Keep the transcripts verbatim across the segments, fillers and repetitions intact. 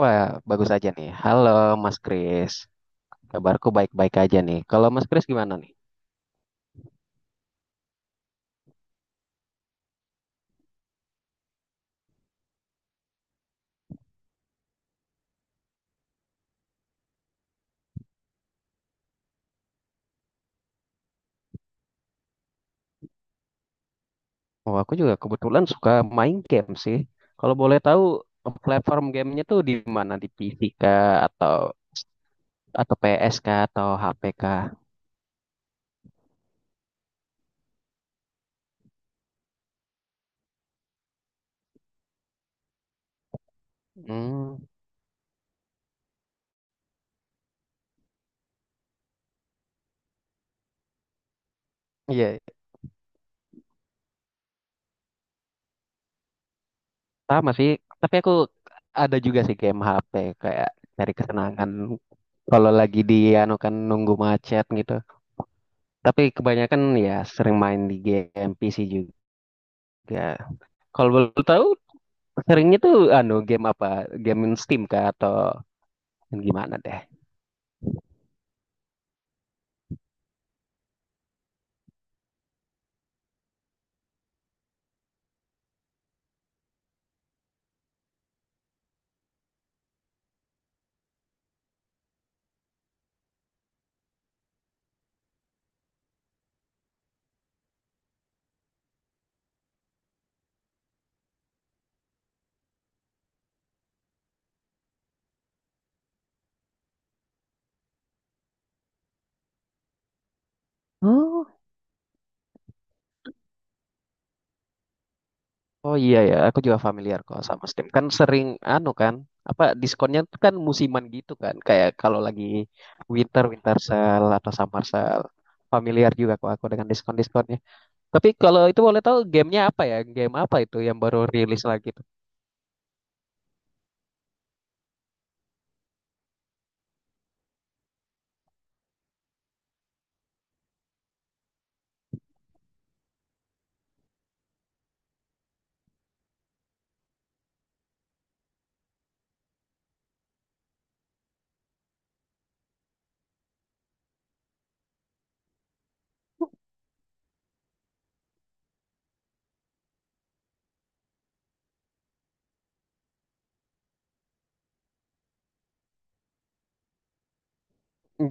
Wah, bagus aja nih. Halo, Mas Kris. Kabarku baik-baik aja nih. Kalau Mas Kris gimana nih? Oh, aku juga kebetulan suka main game sih. Kalau boleh tahu, platform gamenya tuh di mana? Di P C kah? Atau atau P S kah? Atau H P kah? Hmm, iya, sama sih. Tapi aku ada juga sih game H P kayak cari kesenangan kalau lagi di anu kan nunggu macet gitu. Tapi kebanyakan ya sering main di game P C juga. Kalau boleh tahu, seringnya tuh anu game apa? Game Steam kah atau yang gimana deh? Oh. Oh iya ya, aku juga familiar kok sama Steam. Kan sering anu kan, apa diskonnya tuh kan musiman gitu kan. Kayak kalau lagi winter, winter sale atau summer sale. Familiar juga kok aku dengan diskon-diskonnya. Tapi kalau itu boleh tahu gamenya apa ya? Game apa itu yang baru rilis lagi tuh?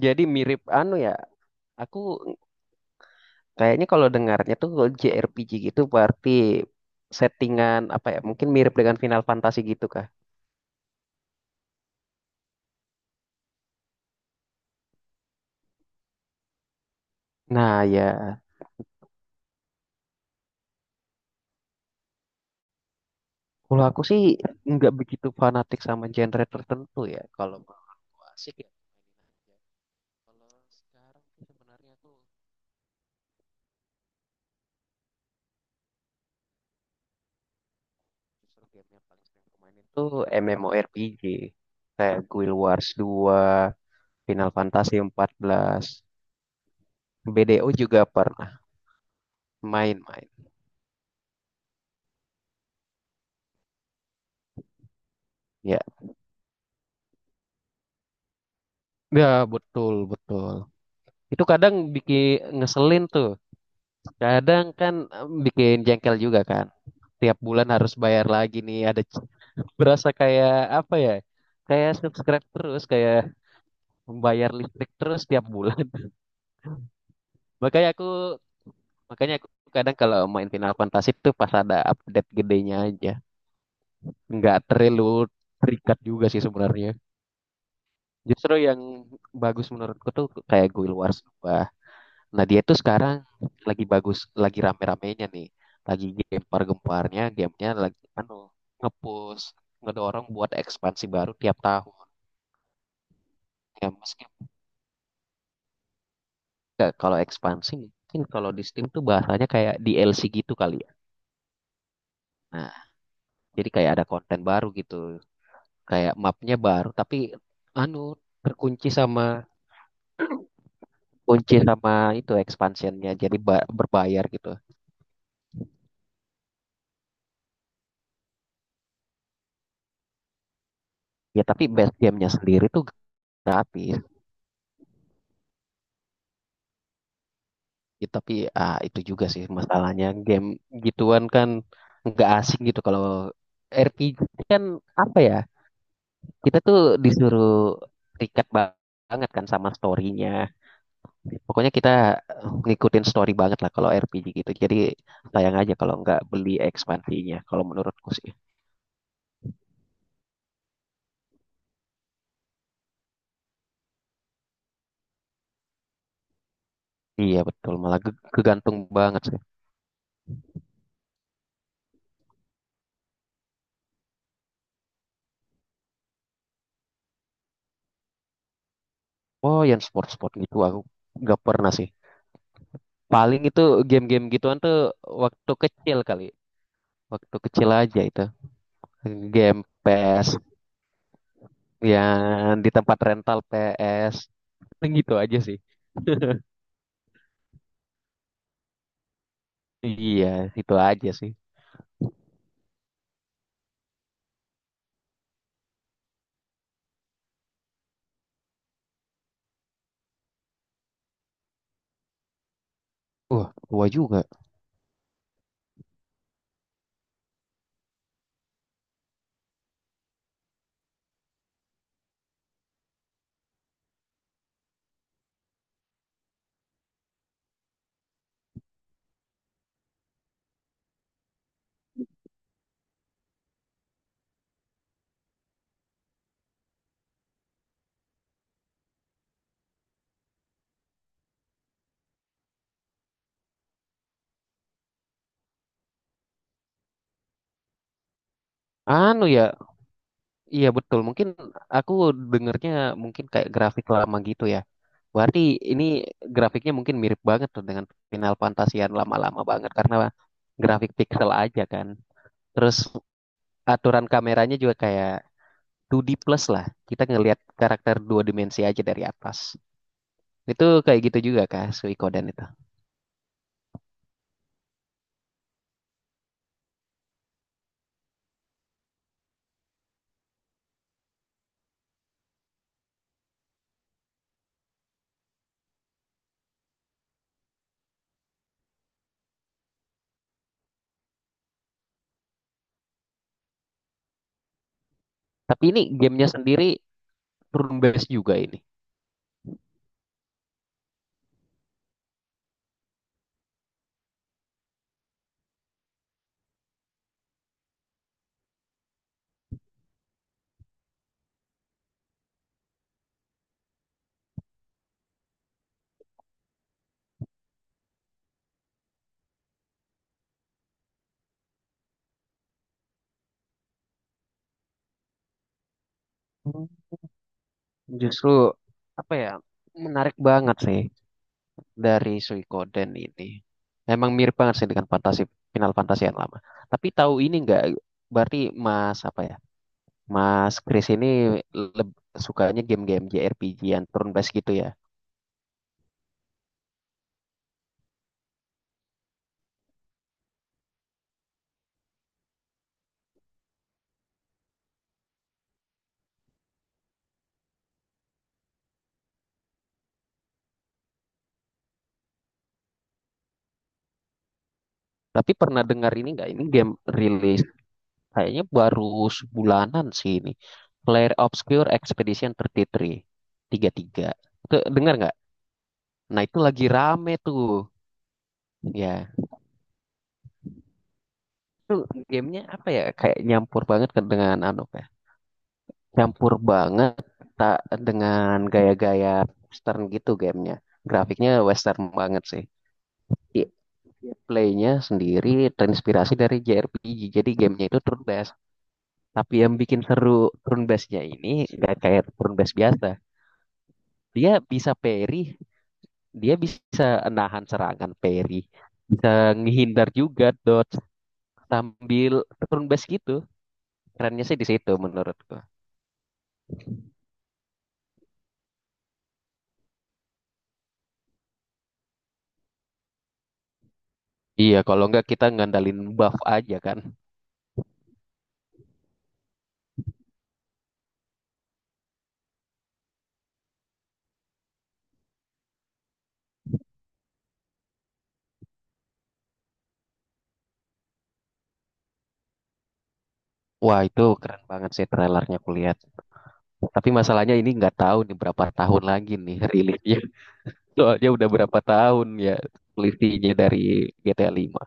Jadi mirip anu ya, aku kayaknya kalau dengarnya tuh kalau J R P G gitu berarti settingan apa ya? Mungkin mirip dengan Final Fantasy gitu kah? Nah ya, kalau aku sih nggak begitu fanatik sama genre tertentu ya. Kalau menurut aku asik ya mainin aja. Kalau sekarang sih sebenarnya aku justru game yang paling sering aku mainin tuh MMORPG kayak Guild Wars dua, Final Fantasy empat belas, B D O juga pernah main-main. Ya, ya, betul, betul. Itu kadang bikin ngeselin tuh. Kadang kan em, bikin jengkel juga kan. Tiap bulan harus bayar lagi nih. Ada c- berasa kayak apa ya? Kayak subscribe terus, kayak membayar listrik terus tiap bulan. Makanya aku makanya aku kadang kalau main Final Fantasy tuh pas ada update gedenya aja. Nggak terlalu terikat juga sih sebenarnya. Justru yang bagus menurutku tuh kayak Guild Wars dua. Nah, dia tuh sekarang lagi bagus, lagi rame-ramenya nih. Lagi gempar-gemparnya, gamenya lagi anu, ngepush ngedorong buat ekspansi baru tiap tahun. Ya, meskipun nggak- kalau ekspansi mungkin kalau di Steam tuh bahasanya kayak D L C gitu kali ya. Nah, jadi kayak ada konten baru gitu. Kayak mapnya baru, tapi anu terkunci sama kunci sama itu expansionnya jadi ba- berbayar gitu. Ya tapi base gamenya sendiri tuh gratis. Ya, tapi ah, itu juga sih masalahnya game gituan kan nggak asing gitu kalau R P G kan apa ya kita tuh disuruh terikat ba- banget kan sama storynya, pokoknya kita ngikutin story banget lah kalau R P G gitu, jadi sayang aja kalau nggak beli ekspansinya kalau menurutku sih. Iya betul, malah ge- kegantung banget sih. Oh, yang sport-sport gitu aku nggak pernah sih. Paling itu game-game gituan tuh waktu kecil, kali waktu kecil aja, itu game P S yang di tempat rental P S gitu aja sih. Iya, itu aja sih. Wah, tua juga. Anu ya, iya betul mungkin. Aku dengernya mungkin kayak grafik lama gitu ya, berarti ini grafiknya mungkin mirip banget tuh dengan Final Fantasy yang lama-lama banget karena grafik pixel aja kan. Terus aturan kameranya juga kayak dua D plus lah, kita ngelihat karakter dua dimensi aja dari atas. Itu kayak gitu juga kah Suikoden itu? Tapi ini gamenya sendiri turn based juga ini. Hmm, Justru apa ya, menarik banget sih. Dari Suikoden ini emang mirip banget sih dengan fantasi Final Fantasy yang lama. Tapi tahu ini nggak? Berarti Mas apa ya? Mas Chris ini leb- sukanya game-game J R P G yang turn based gitu ya. Tapi pernah dengar ini nggak? Ini game rilis kayaknya baru sebulanan sih ini. Lair Obscure Expedition tiga puluh tiga. Tiga tiga puluh tiga. Itu dengar nggak? Nah, itu lagi rame tuh. Ya, itu gamenya apa ya? Kayak nyampur banget ke dengan anu kan, campur banget tak dengan gaya-gaya western gitu gamenya. Grafiknya western banget sih. I- Playnya sendiri terinspirasi dari J R P G. Jadi gamenya itu turn based. Tapi yang bikin seru turn based-nya ini nggak kayak turn based biasa. Dia bisa parry, dia bisa nahan serangan parry, bisa ngehindar juga dodge sambil turn based gitu. Kerennya sih di situ menurutku. Iya, kalau nggak kita ngandalin buff aja kan. Wah, itu keren banget sih trailernya aku lihat. Tapi masalahnya ini nggak tahu nih berapa tahun lagi nih rilisnya. Soalnya udah berapa tahun ya selisihnya dari G T A lima.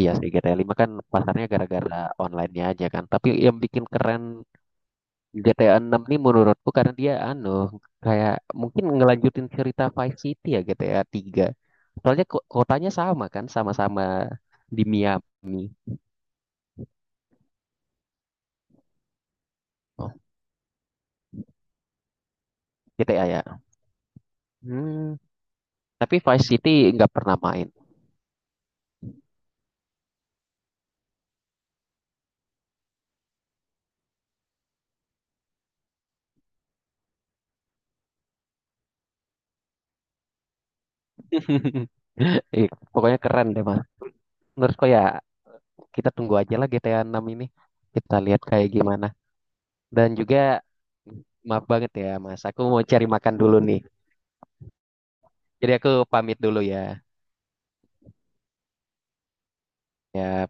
Iya sih, G T A lima kan pasarnya gara-gara online-nya aja kan. Tapi yang bikin keren G T A enam nih menurutku karena dia anu, kayak mungkin ngelanjutin cerita Vice City ya G T A tiga. Soalnya ko- kotanya sama kan, sama-sama di Miami. Oh, G T A ya. Hmm, tapi Vice City nggak pernah main. Ih, pokoknya keren deh mas. Menurutku ya kita tunggu aja lah G T A enam ini. Kita lihat kayak gimana. Dan juga maaf banget ya mas, aku mau cari makan dulu nih. Jadi aku pamit dulu ya. Ya.